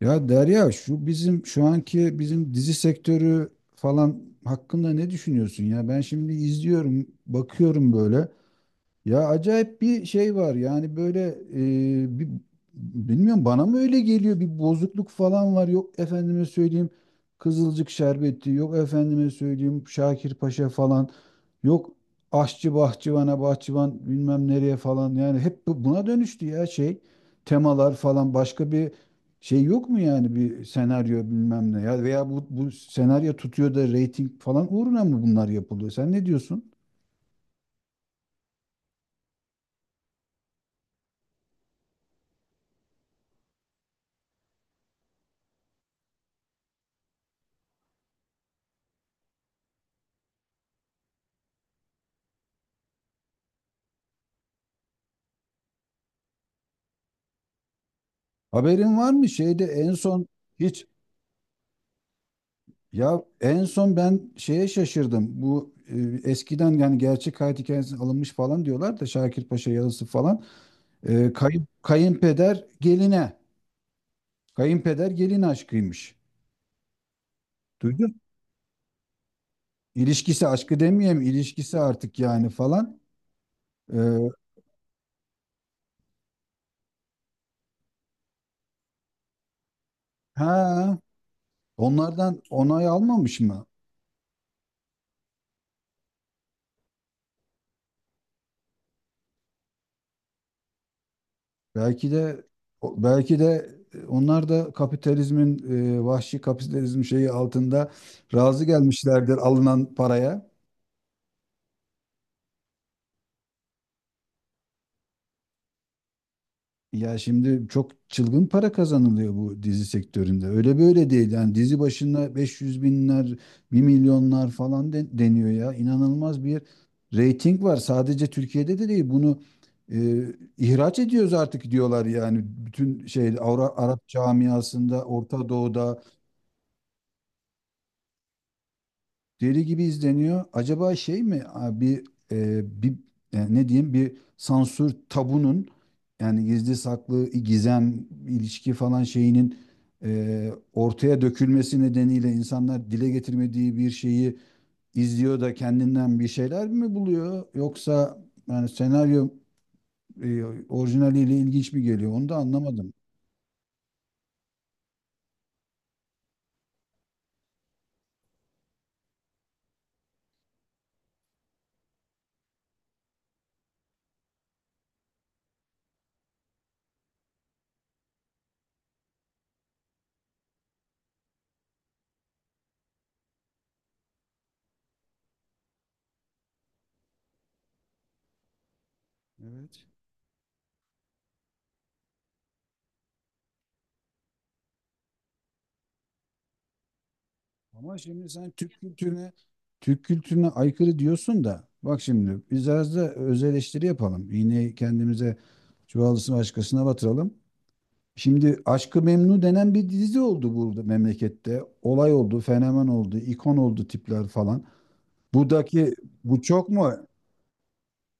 Ya Derya, şu bizim şu anki bizim dizi sektörü falan hakkında ne düşünüyorsun ya? Ben şimdi izliyorum, bakıyorum böyle. Ya acayip bir şey var yani böyle bir bilmiyorum, bana mı öyle geliyor, bir bozukluk falan var. Yok efendime söyleyeyim Kızılcık Şerbeti, yok efendime söyleyeyim Şakir Paşa falan. Yok aşçı bahçıvana, bahçıvan bilmem nereye falan. Yani hep buna dönüştü ya. Şey, temalar falan, başka bir şey yok mu yani? Bir senaryo bilmem ne ya. Veya bu senaryo tutuyor da reyting falan uğruna mı bunlar yapılıyor, sen ne diyorsun? Haberin var mı şeyde en son, hiç? Ya en son ben şeye şaşırdım. Eskiden yani gerçek hayat hikayesi alınmış falan diyorlar da, Şakir Paşa yazısı falan. Kayınpeder geline. Kayınpeder gelin aşkıymış. Duydun? İlişkisi, aşkı demeyeyim, ilişkisi artık yani falan. Ee, ha, Onlardan onay almamış mı? Belki de, belki de, onlar da kapitalizmin, vahşi kapitalizm şeyi altında razı gelmişlerdir alınan paraya. Ya şimdi çok çılgın para kazanılıyor bu dizi sektöründe. Öyle böyle değil. Yani dizi başına 500 binler, bir milyonlar falan deniyor ya. İnanılmaz bir reyting var. Sadece Türkiye'de de değil. Bunu e, ihraç ediyoruz artık diyorlar yani. Bütün şey Arap camiasında, Orta Doğu'da deli gibi izleniyor. Acaba şey mi, a, bir e, bir e, ne diyeyim, bir sansür tabunun, yani gizli saklı gizem ilişki falan şeyinin ortaya dökülmesi nedeniyle insanlar dile getirmediği bir şeyi izliyor da kendinden bir şeyler mi buluyor, yoksa yani senaryo e, orijinaliyle ilginç mi geliyor, onu da anlamadım. Evet. Ama şimdi sen Türk kültürüne, Türk kültürüne aykırı diyorsun da, bak şimdi biz biraz da öz eleştiri yapalım. İğneyi kendimize, çuvalısını başkasına batıralım. Şimdi Aşk-ı Memnu denen bir dizi oldu burada memlekette. Olay oldu, fenomen oldu, ikon oldu tipler falan. Buradaki bu çok mu?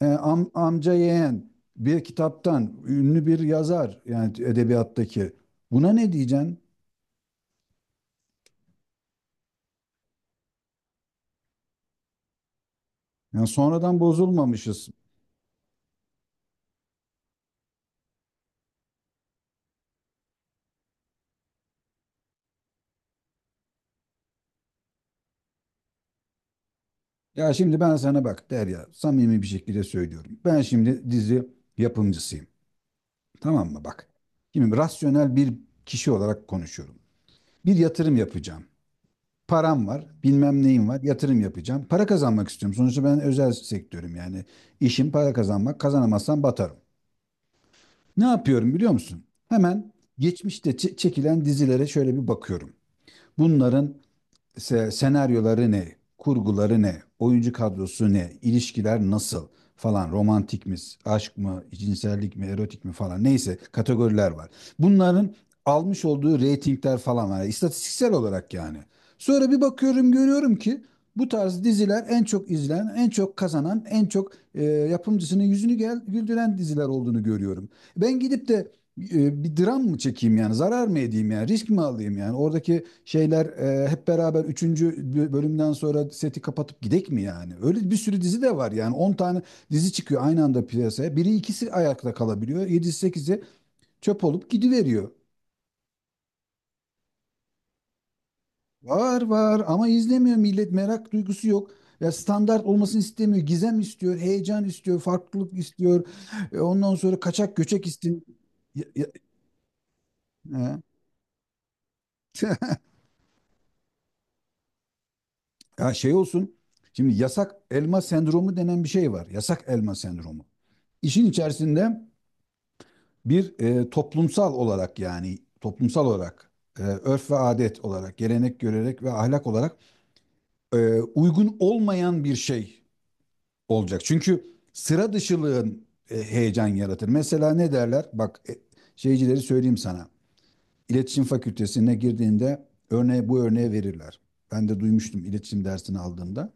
Amca yeğen, bir kitaptan, ünlü bir yazar yani edebiyattaki. Buna ne diyeceksin? Yani sonradan bozulmamışız. Ya şimdi ben sana bak Derya, samimi bir şekilde söylüyorum. Ben şimdi dizi yapımcısıyım. Tamam mı, bak? Şimdi rasyonel bir kişi olarak konuşuyorum. Bir yatırım yapacağım. Param var, bilmem neyim var, yatırım yapacağım. Para kazanmak istiyorum. Sonuçta ben özel sektörüm yani. İşim para kazanmak, kazanamazsam batarım. Ne yapıyorum biliyor musun? Hemen geçmişte çekilen dizilere şöyle bir bakıyorum. Bunların senaryoları ne, kurguları ne, oyuncu kadrosu ne, ilişkiler nasıl falan, romantik mi, aşk mı, cinsellik mi, erotik mi falan, neyse, kategoriler var. Bunların almış olduğu reytingler falan var, istatistiksel olarak yani. Sonra bir bakıyorum, görüyorum ki bu tarz diziler en çok izlenen, en çok kazanan, en çok yapımcısının yüzünü güldüren diziler olduğunu görüyorum. Ben gidip de bir dram mı çekeyim yani, zarar mı edeyim yani, risk mi alayım yani, oradaki şeyler hep beraber üçüncü bölümden sonra seti kapatıp gidek mi yani? Öyle bir sürü dizi de var yani, 10 tane dizi çıkıyor aynı anda piyasaya. Biri ikisi ayakta kalabiliyor. 7-8'i çöp olup gidiveriyor. Var var ama izlemiyor millet, merak duygusu yok. Ya standart olmasını istemiyor. Gizem istiyor, heyecan istiyor, farklılık istiyor. E, ondan sonra kaçak göçek istiyor. Ya- ya- he. Ya şey olsun. Şimdi yasak elma sendromu denen bir şey var. Yasak elma sendromu. İşin içerisinde toplumsal olarak, yani toplumsal olarak örf ve adet olarak, gelenek, görerek ve ahlak olarak uygun olmayan bir şey olacak. Çünkü sıra dışılığın heyecan yaratır. Mesela ne derler? Şeycileri söyleyeyim sana. İletişim Fakültesine girdiğinde örneği, bu örneği verirler. Ben de duymuştum iletişim dersini aldığımda.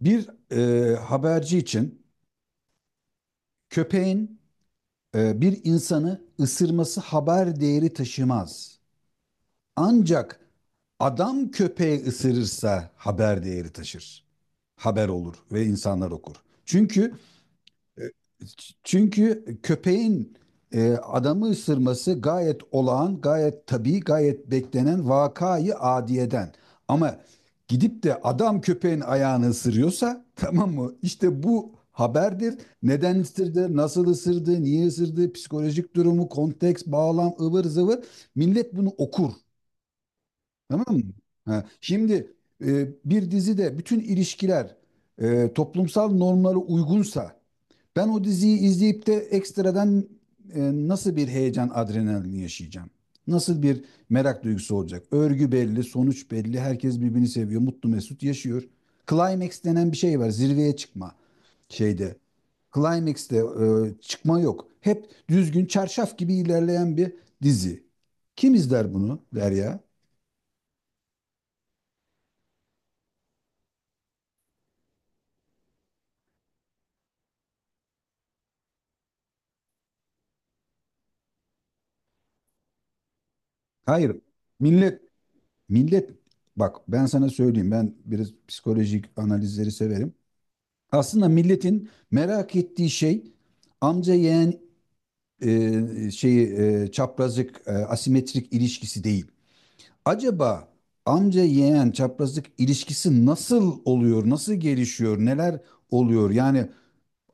Bir haberci için köpeğin bir insanı ısırması haber değeri taşımaz. Ancak adam köpeği ısırırsa haber değeri taşır. Haber olur ve insanlar okur. Çünkü Çünkü köpeğin adamı ısırması gayet olağan, gayet tabii, gayet beklenen vakayı adiyeden. Ama gidip de adam köpeğin ayağını ısırıyorsa tamam mı? İşte bu haberdir. Neden ısırdı, nasıl ısırdı, niye ısırdı, psikolojik durumu, konteks, bağlam, ıvır zıvır. Millet bunu okur. Tamam mı? Ha, şimdi bir dizide bütün ilişkiler toplumsal normlara uygunsa ben o diziyi izleyip de ekstradan e, nasıl bir heyecan, adrenalin yaşayacağım? Nasıl bir merak duygusu olacak? Örgü belli, sonuç belli, herkes birbirini seviyor, mutlu mesut yaşıyor. Climax denen bir şey var, zirveye çıkma şeyde. Climax'te çıkma yok. Hep düzgün, çarşaf gibi ilerleyen bir dizi. Kim izler bunu Derya? Hayır. Millet millet, bak ben sana söyleyeyim, ben biraz psikolojik analizleri severim. Aslında milletin merak ettiği şey amca yeğen e, şeyi çaprazlık, asimetrik ilişkisi değil. Acaba amca yeğen çaprazlık ilişkisi nasıl oluyor? Nasıl gelişiyor? Neler oluyor? Yani,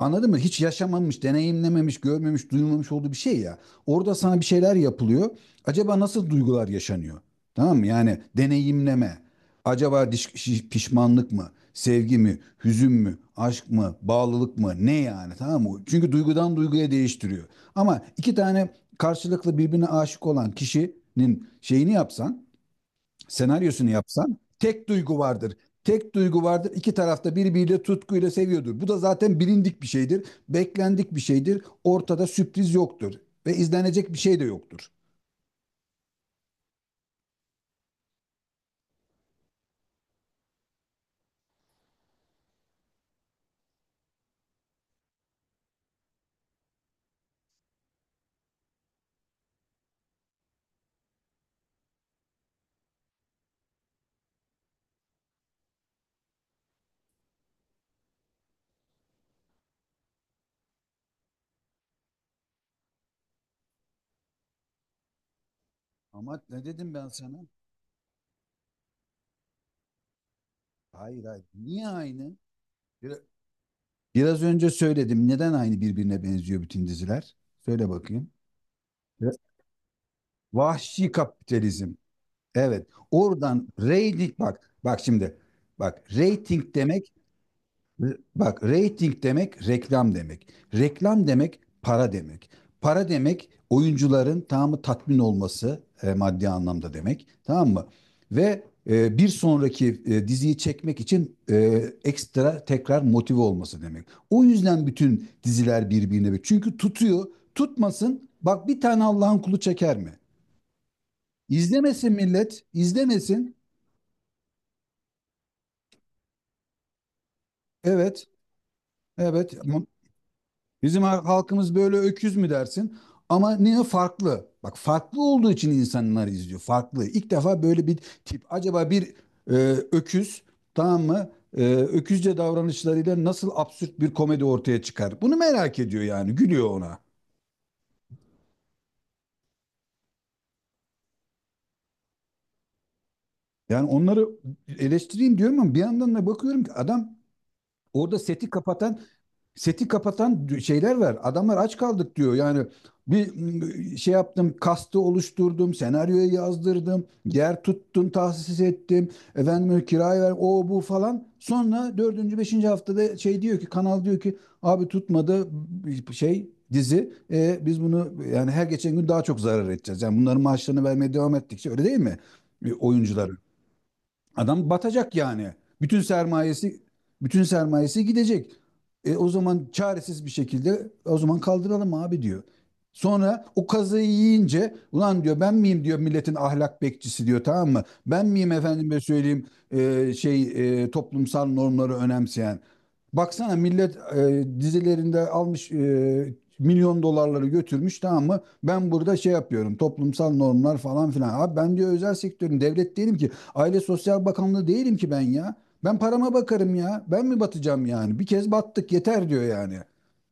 anladın mı? Hiç yaşamamış, deneyimlememiş, görmemiş, duymamış olduğu bir şey ya. Orada sana bir şeyler yapılıyor. Acaba nasıl duygular yaşanıyor? Tamam mı? Yani deneyimleme. Acaba pişmanlık mı? Sevgi mi? Hüzün mü? Aşk mı? Bağlılık mı? Ne yani? Tamam mı? Çünkü duygudan duyguya değiştiriyor. Ama iki tane karşılıklı birbirine aşık olan kişinin şeyini yapsan, senaryosunu yapsan, tek duygu vardır. Tek duygu vardır. İki tarafta birbiriyle tutkuyla seviyordur. Bu da zaten bilindik bir şeydir. Beklendik bir şeydir. Ortada sürpriz yoktur. Ve izlenecek bir şey de yoktur. Ama ne dedim ben sana? Hayır hayır. Niye aynı? Bir- Biraz önce söyledim. Neden aynı birbirine benziyor bütün diziler? Söyle bakayım. Biraz- Vahşi kapitalizm. Evet. Oradan reyting, bak. Bak şimdi. Bak reyting demek. Bak rating demek reklam demek. Reklam demek para demek. Para demek oyuncuların tamamı tatmin olması maddi anlamda demek. Tamam mı? Ve bir sonraki diziyi çekmek için ekstra tekrar motive olması demek. O yüzden bütün diziler birbirine, çünkü tutuyor. Tutmasın. Bak bir tane Allah'ın kulu çeker mi? İzlemesin millet, izlemesin. Evet, evet. Bizim halkımız böyle öküz mü dersin? Ama ne farklı? Bak farklı olduğu için insanlar izliyor. Farklı. İlk defa böyle bir tip. Acaba bir e, öküz, tamam mı? E, öküzce davranışlarıyla nasıl absürt bir komedi ortaya çıkar? Bunu merak ediyor yani. Gülüyor ona. Yani onları eleştireyim diyorum ama bir yandan da bakıyorum ki adam orada seti kapatan, seti kapatan şeyler var. Adamlar aç kaldık diyor. Yani bir şey yaptım, kastı oluşturdum, senaryoyu yazdırdım, yer tuttum, tahsis ettim. Efendim kirayı ver, o bu falan. Sonra dördüncü, beşinci haftada şey diyor ki, kanal diyor ki, abi tutmadı şey dizi. E, biz bunu yani her geçen gün daha çok zarar edeceğiz. Yani bunların maaşlarını vermeye devam ettikçe, öyle değil mi? E, oyuncular, adam batacak yani. Bütün sermayesi, bütün sermayesi gidecek. E, o zaman çaresiz bir şekilde, o zaman kaldıralım abi diyor. Sonra o kazayı yiyince ulan diyor, ben miyim diyor milletin ahlak bekçisi diyor, tamam mı? Ben miyim efendime söyleyeyim toplumsal normları önemseyen? Baksana millet dizilerinde almış milyon dolarları götürmüş, tamam mı? Ben burada şey yapıyorum, toplumsal normlar falan filan. Abi ben diyor özel sektörüm, devlet değilim ki. Aile Sosyal Bakanlığı değilim ki ben ya. Ben parama bakarım ya. Ben mi batacağım yani? Bir kez battık yeter diyor yani.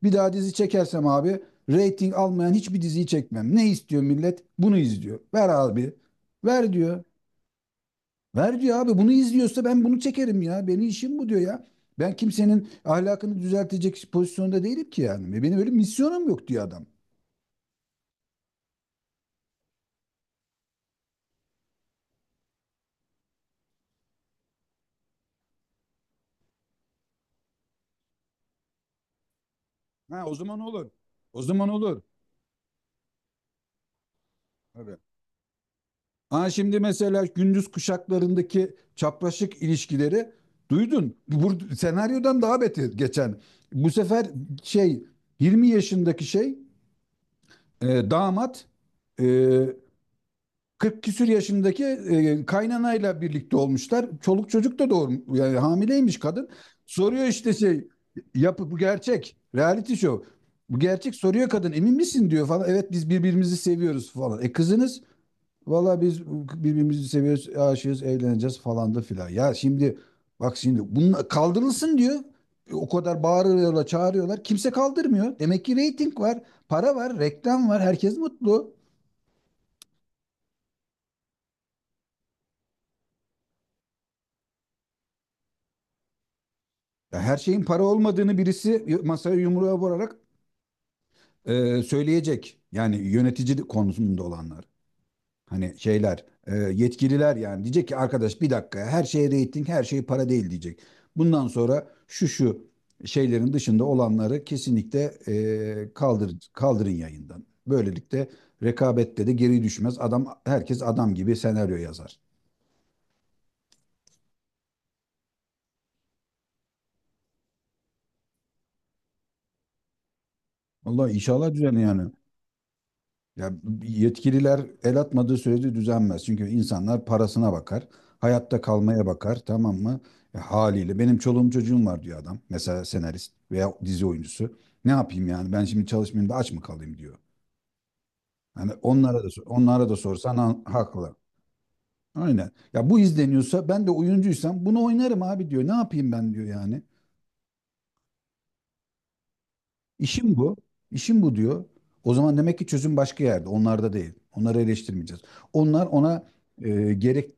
Bir daha dizi çekersem abi reyting almayan hiçbir diziyi çekmem. Ne istiyor millet? Bunu izliyor. Ver abi. Ver diyor. Ver diyor abi, bunu izliyorsa ben bunu çekerim ya. Benim işim bu diyor ya. Ben kimsenin ahlakını düzeltecek pozisyonda değilim ki yani. Benim öyle misyonum yok diyor adam. Ha, o zaman olur. O zaman olur. Tabii. Ha, şimdi mesela gündüz kuşaklarındaki çapraşık ilişkileri duydun. Bu senaryodan daha beter geçen. Bu sefer şey, 20 yaşındaki şey, damat, e, 40 küsür yaşındaki kaynanayla birlikte olmuşlar. Çoluk çocuk da doğru, yani hamileymiş kadın. Soruyor işte şey, yapı bu gerçek. Reality show. Bu gerçek, soruyor kadın. Emin misin diyor falan. Evet biz birbirimizi seviyoruz falan. E kızınız, valla biz birbirimizi seviyoruz, aşığız, evleneceğiz falan da filan. Ya şimdi bak şimdi bunun kaldırılsın diyor. E, o kadar bağırıyorlar, çağırıyorlar. Kimse kaldırmıyor. Demek ki reyting var, para var, reklam var. Herkes mutlu. Ya her şeyin para olmadığını birisi masaya yumruğa vurarak söyleyecek. Yani yönetici konusunda olanlar. Hani şeyler, yetkililer yani diyecek ki, arkadaş bir dakika ya, her şey reyting, her şey para değil diyecek. Bundan sonra şu şeylerin dışında olanları kesinlikle kaldırın yayından. Böylelikle rekabette de geri düşmez. Adam, herkes adam gibi senaryo yazar. Vallahi inşallah düzenli yani. Ya yetkililer el atmadığı sürece düzenmez. Çünkü insanlar parasına bakar, hayatta kalmaya bakar, tamam mı? E, haliyle benim çoluğum çocuğum var diyor adam. Mesela senarist veya dizi oyuncusu. Ne yapayım yani? Ben şimdi çalışmayayım da aç mı kalayım diyor. Yani onlara da onlara da sorsan haklı. Aynen. Ya bu izleniyorsa ben de oyuncuysam bunu oynarım abi diyor. Ne yapayım ben diyor yani. İşim bu. İşim bu diyor. O zaman demek ki çözüm başka yerde. Onlarda değil. Onları eleştirmeyeceğiz. Onlar ona gerekli,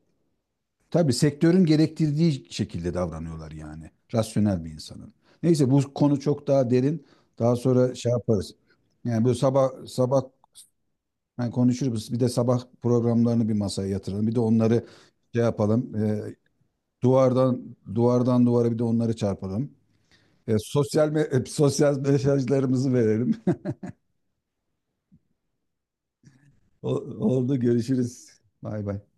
tabii sektörün gerektirdiği şekilde davranıyorlar yani. Rasyonel bir insanın. Neyse, bu konu çok daha derin. Daha sonra şey yaparız. Yani bu sabah sabah yani konuşuruz. Bir de sabah programlarını bir masaya yatıralım. Bir de onları şey yapalım. Duvardan, duvardan duvara bir de onları çarpalım. Sosyal mesajlarımızı verelim. O- Oldu, görüşürüz. Bay bay.